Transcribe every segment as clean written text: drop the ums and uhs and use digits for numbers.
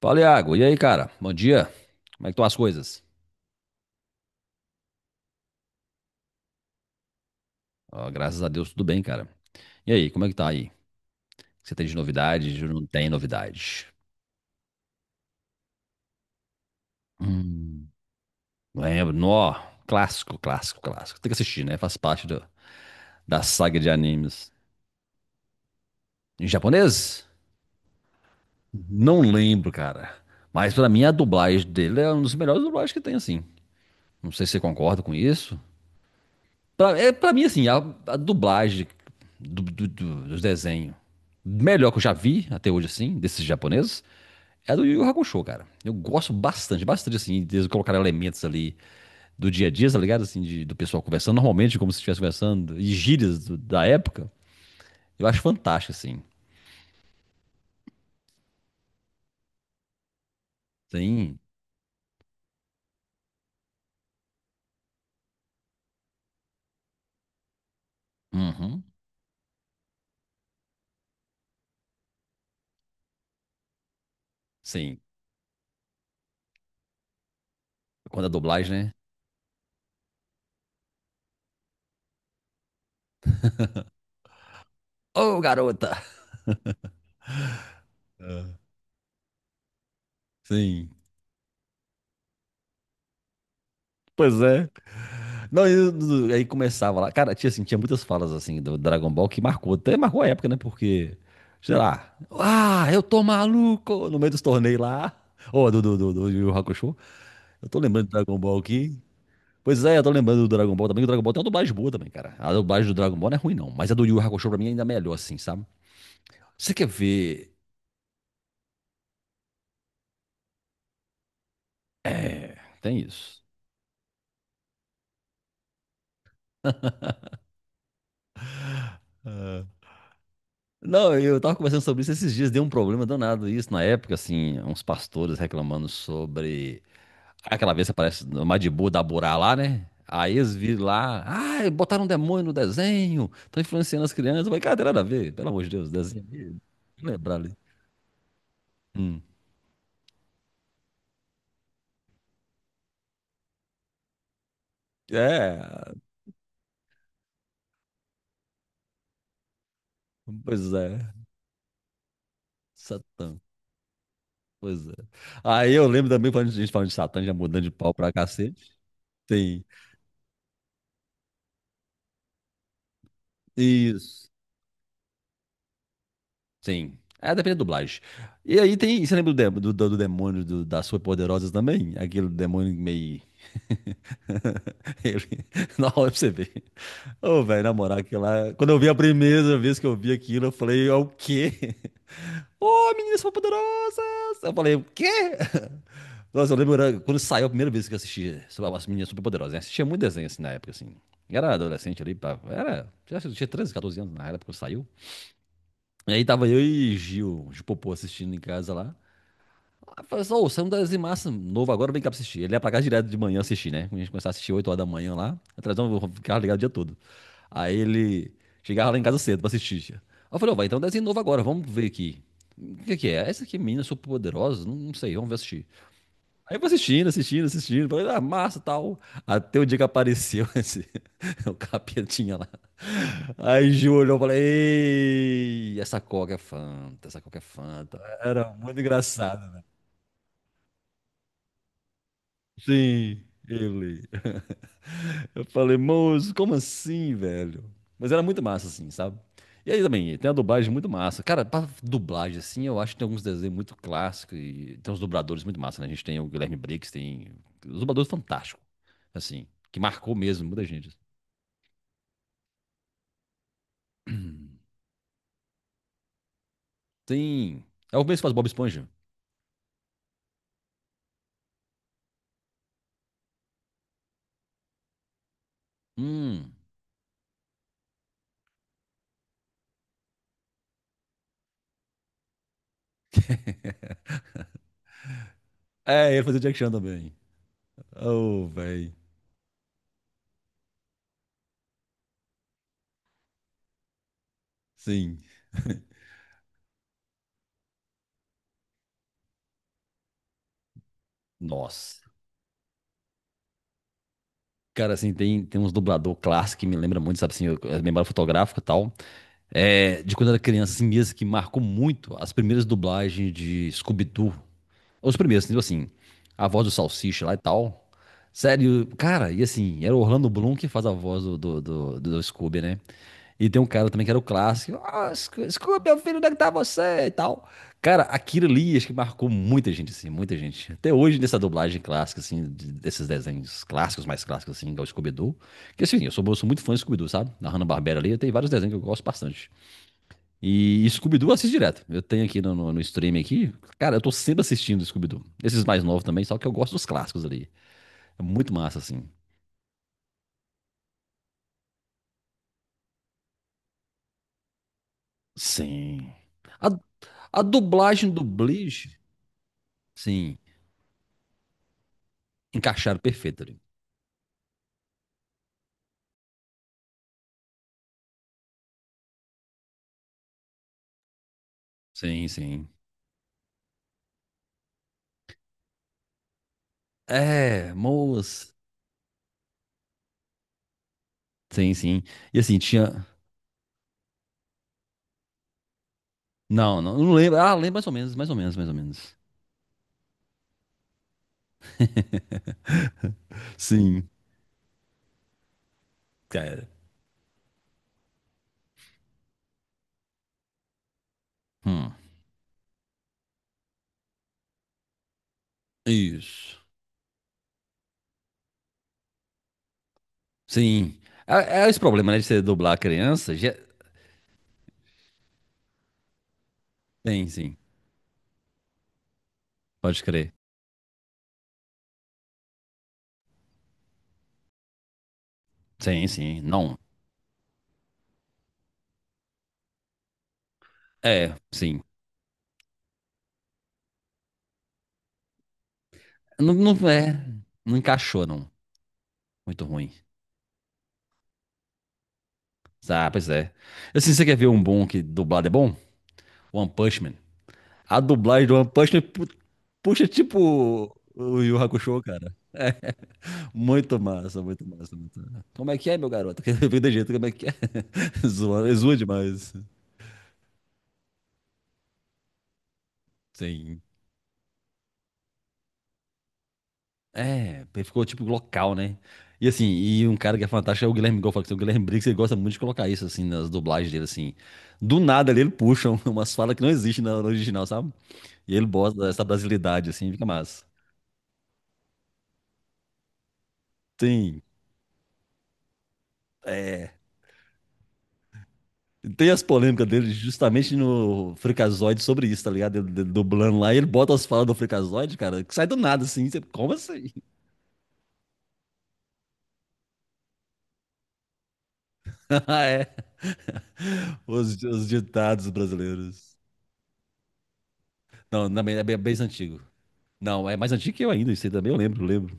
Fala, Iago. E aí, cara? Bom dia. Como é que estão as coisas? Ó, graças a Deus, tudo bem, cara. E aí, como é que tá aí? Você tem de novidade? De Não tem novidade? Hum, lembro. Nó, clássico, clássico, clássico. Tem que assistir, né? Faz parte da saga de animes. Em japonês? Não lembro, cara. Mas pra mim, a dublagem dele é uma das melhores dublagens que tem, assim. Não sei se você concorda com isso. Pra mim, assim, a dublagem dos desenhos melhor que eu já vi até hoje, assim, desses japoneses, é do Yu Yu Hakusho, cara. Eu gosto bastante, bastante, assim, de eles colocarem elementos ali do dia a dia, tá ligado? Assim, do pessoal conversando normalmente, como se estivesse conversando, e gírias da época. Eu acho fantástico, assim. Sim. Uhum. Sim. Quando a dublagem, né? Ô, garota! Sim. Pois é. Não, aí começava lá. Cara, tinha muitas falas assim do Dragon Ball que marcou, até marcou a época, né? Porque, sei lá, eu tô maluco no meio dos torneios lá. Ô, do Yu Yu Hakusho. Eu tô lembrando do Dragon Ball aqui. Pois é, eu tô lembrando do Dragon Ball também. Que O Dragon Ball tem uma dublagem boa também, cara. A dublagem do Dragon Ball não é ruim, não. Mas a do Yu Yu Hakusho pra mim é ainda melhor, assim, sabe? Você quer ver. É, tem isso. Ah. Não, eu tava conversando sobre isso esses dias, deu um problema danado isso na época, assim, uns pastores reclamando sobre aquela vez que aparece no Madibu da Burá lá, né? Aí eles viram lá, botaram um demônio no desenho, estão influenciando as crianças. Eu falei, cara, não tem nada a ver, pelo amor de Deus, desenho ali. Não lembrar ali. Hum. É, pois é, Satã, pois é. Aí eu lembro também, quando a gente falando de Satã, já mudando de pau pra cacete. Sim, isso. Sim. É, depende da dublagem. E aí tem. Você lembra do demônio das Superpoderosas também? Aquele demônio meio. Ele... Na hora pra você ver. Ô, velho, na moral, aquilo lá. Quando eu vi a primeira vez que eu vi aquilo, eu falei, é o quê? Ô, meninas superpoderosas! Eu falei, o quê? Nossa, eu lembro era quando saiu a primeira vez que eu assisti sobre as meninas superpoderosas, né? Assistia muito desenho assim na época, assim. Era adolescente ali, pá. Era. Já tinha 13 14 anos na época quando saiu. E aí tava eu e Gil, Gil Popô, assistindo em casa lá. Aí eu falei assim, ô, saiu um desenho massa novo agora, vem cá pra assistir. Ele ia pra casa direto de manhã assistir, né? A gente começava a assistir 8 horas da manhã lá. A televisão eu ficava ligado o dia todo. Aí ele chegava lá em casa cedo pra assistir. Tia. Aí eu falei, ó, vai, então um desenho novo agora, vamos ver aqui. O que que é? Essa aqui é Minas Superpoderosas? Não, não sei, vamos ver assistir. Aí eu vou assistindo, assistindo, assistindo. Falei, ah, massa, tal. Até o dia que apareceu esse, o capetinha lá. Aí Gil olhou e falei, ei, essa Coca é Fanta, essa Coca é Fanta. Era muito engraçado, né? Sim, ele. Eu falei, moço, como assim, velho? Mas era muito massa, assim, sabe? E aí também, tem a dublagem muito massa. Cara, pra dublagem, assim, eu acho que tem alguns desenhos muito clássicos e tem uns dubladores muito massa, né? A gente tem o Guilherme Briggs, tem os dubladores fantásticos, assim, que marcou mesmo muita gente. Tem... É o mesmo que faz Bob Esponja. Hum. É, ele fazia o Jack Chan também. Oh, velho. Sim. Nossa. Cara, assim, tem uns dublador clássico que me lembra muito, sabe, assim, a memória fotográfica e tal. De quando eu era criança, assim mesmo, que marcou muito as primeiras dublagens de Scooby-Doo. Os primeiros, tipo assim, a voz do Salsicha lá e tal. Sério, cara, e assim, era o Orlando Bloom que faz a voz do Scooby, né? E tem um cara também que era o clássico. Ah, Scooby, meu filho, onde é que tá você? E tal. Cara, aquilo ali acho que marcou muita gente, assim, muita gente. Até hoje, nessa dublagem clássica, assim, desses desenhos clássicos, mais clássicos, assim, igual o Scooby-Doo. Que assim, eu sou muito fã do Scooby-Doo, sabe? Na Hanna-Barbera ali, tem vários desenhos que eu gosto bastante. E Scooby-Doo eu assisto direto. Eu tenho aqui no stream aqui. Cara, eu tô sempre assistindo Scooby-Doo. Esses mais novos também, só que eu gosto dos clássicos ali. É muito massa, assim. Sim. A, a dublagem do Bleach, sim, encaixaram perfeito ali. Sim, sim. É, moço. Sim, sim. E assim, tinha. Não, não, não lembro. Ah, lembro mais ou menos, mais ou menos, mais ou menos. Sim, cara. Hum, isso. Sim. É esse problema, né, de você dublar a criança. Já... Sim, sim. Pode crer. Sim, sim. Não. É, sim. Não, não é. Não encaixou, não. Muito ruim. Ah, pois é. Assim, você quer ver um bom que dublado é bom? One Punch Man. A dublagem do One Punch Man puxa tipo o Yu Hakusho, cara. Muito massa, muito massa, muito massa. Como é que é, meu garoto? Vem de jeito, como é que é? Zoa, zoa demais. Sim. É, ficou tipo local, né? E assim, e um cara que é fantástico é o Guilherme, igual eu falei, que o Guilherme Briggs, ele gosta muito de colocar isso, assim, nas dublagens dele, assim. Do nada ali ele puxa umas falas que não existem na no original, sabe? E ele bota essa brasilidade, assim, fica massa. Tem, é, tem as polêmicas dele justamente no Freakazoid sobre isso, tá ligado? Ele dublando lá, e ele bota as falas do Freakazoid, cara, que sai do nada, assim, você, como assim? É, os ditados brasileiros. Não, também é bem, antigo. Não, é mais antigo que eu ainda, isso aí também eu lembro, lembro.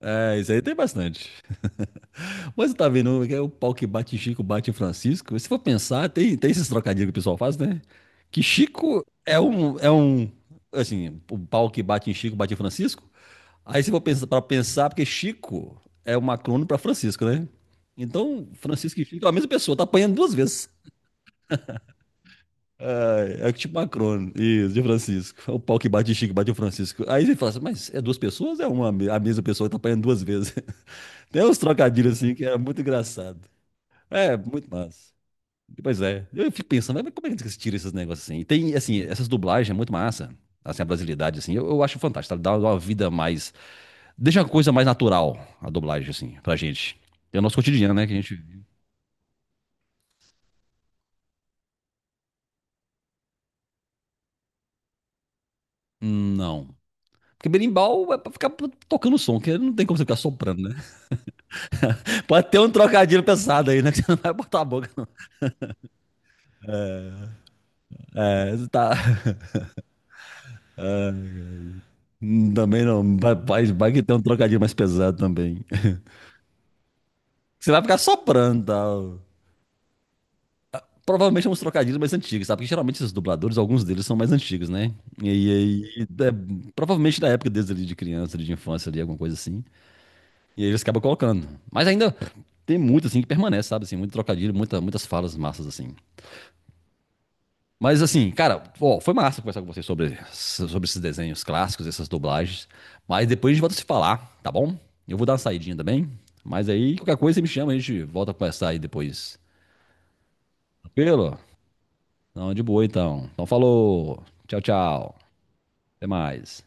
É, isso aí tem bastante. Mas você tá vendo, é o pau que bate em Chico, bate em Francisco. Se for pensar, tem esses trocadilhos que o pessoal faz, né? Que Chico é um, assim, o pau que bate em Chico, bate em Francisco. Aí se for pensar, pra pensar, porque Chico é um acrônimo pra Francisco, né? Então, Francisco e Chico é a mesma pessoa, tá apanhando duas vezes. É tipo um acrônimo, isso, de Francisco. É o pau que bate em Chico, bate em Francisco. Aí você fala assim, mas é duas pessoas? É uma, a mesma pessoa que tá apanhando duas vezes. Tem uns trocadilhos assim que era muito engraçado. É, muito massa. Pois é. Eu fico pensando, mas como é que se tira esses negócios assim? E tem, assim, essas dublagens é muito massa. Assim, a brasilidade, assim, eu acho fantástico. Tá? Dá uma vida mais. Deixa uma coisa mais natural a dublagem, assim, pra gente. É o nosso cotidiano, né? Que a gente. Não. Porque berimbau é pra ficar tocando som, que não tem como você ficar soprando, né? Pode ter um trocadilho pesado aí, né? Que você não vai botar a boca, não. É, tá. Também não. Vai, vai vai que tem um trocadilho mais pesado também. Você vai ficar soprando, tal. Provavelmente é uns trocadilhos mais antigos, sabe? Porque geralmente esses dubladores, alguns deles são mais antigos, né? E aí, provavelmente da época deles ali de criança, ali de infância, ali, alguma coisa assim. E aí eles acabam colocando. Mas ainda tem muito, assim, que permanece, sabe? Assim, muito trocadilho, muitas falas massas, assim. Mas, assim, cara, ó, foi massa conversar com vocês sobre, esses desenhos clássicos, essas dublagens. Mas depois a gente volta a se falar, tá bom? Eu vou dar uma saidinha também. Mas aí, qualquer coisa, você me chama, a gente volta a conversar aí depois. Tranquilo? Não, de boa então. Então falou. Tchau, tchau. Até mais.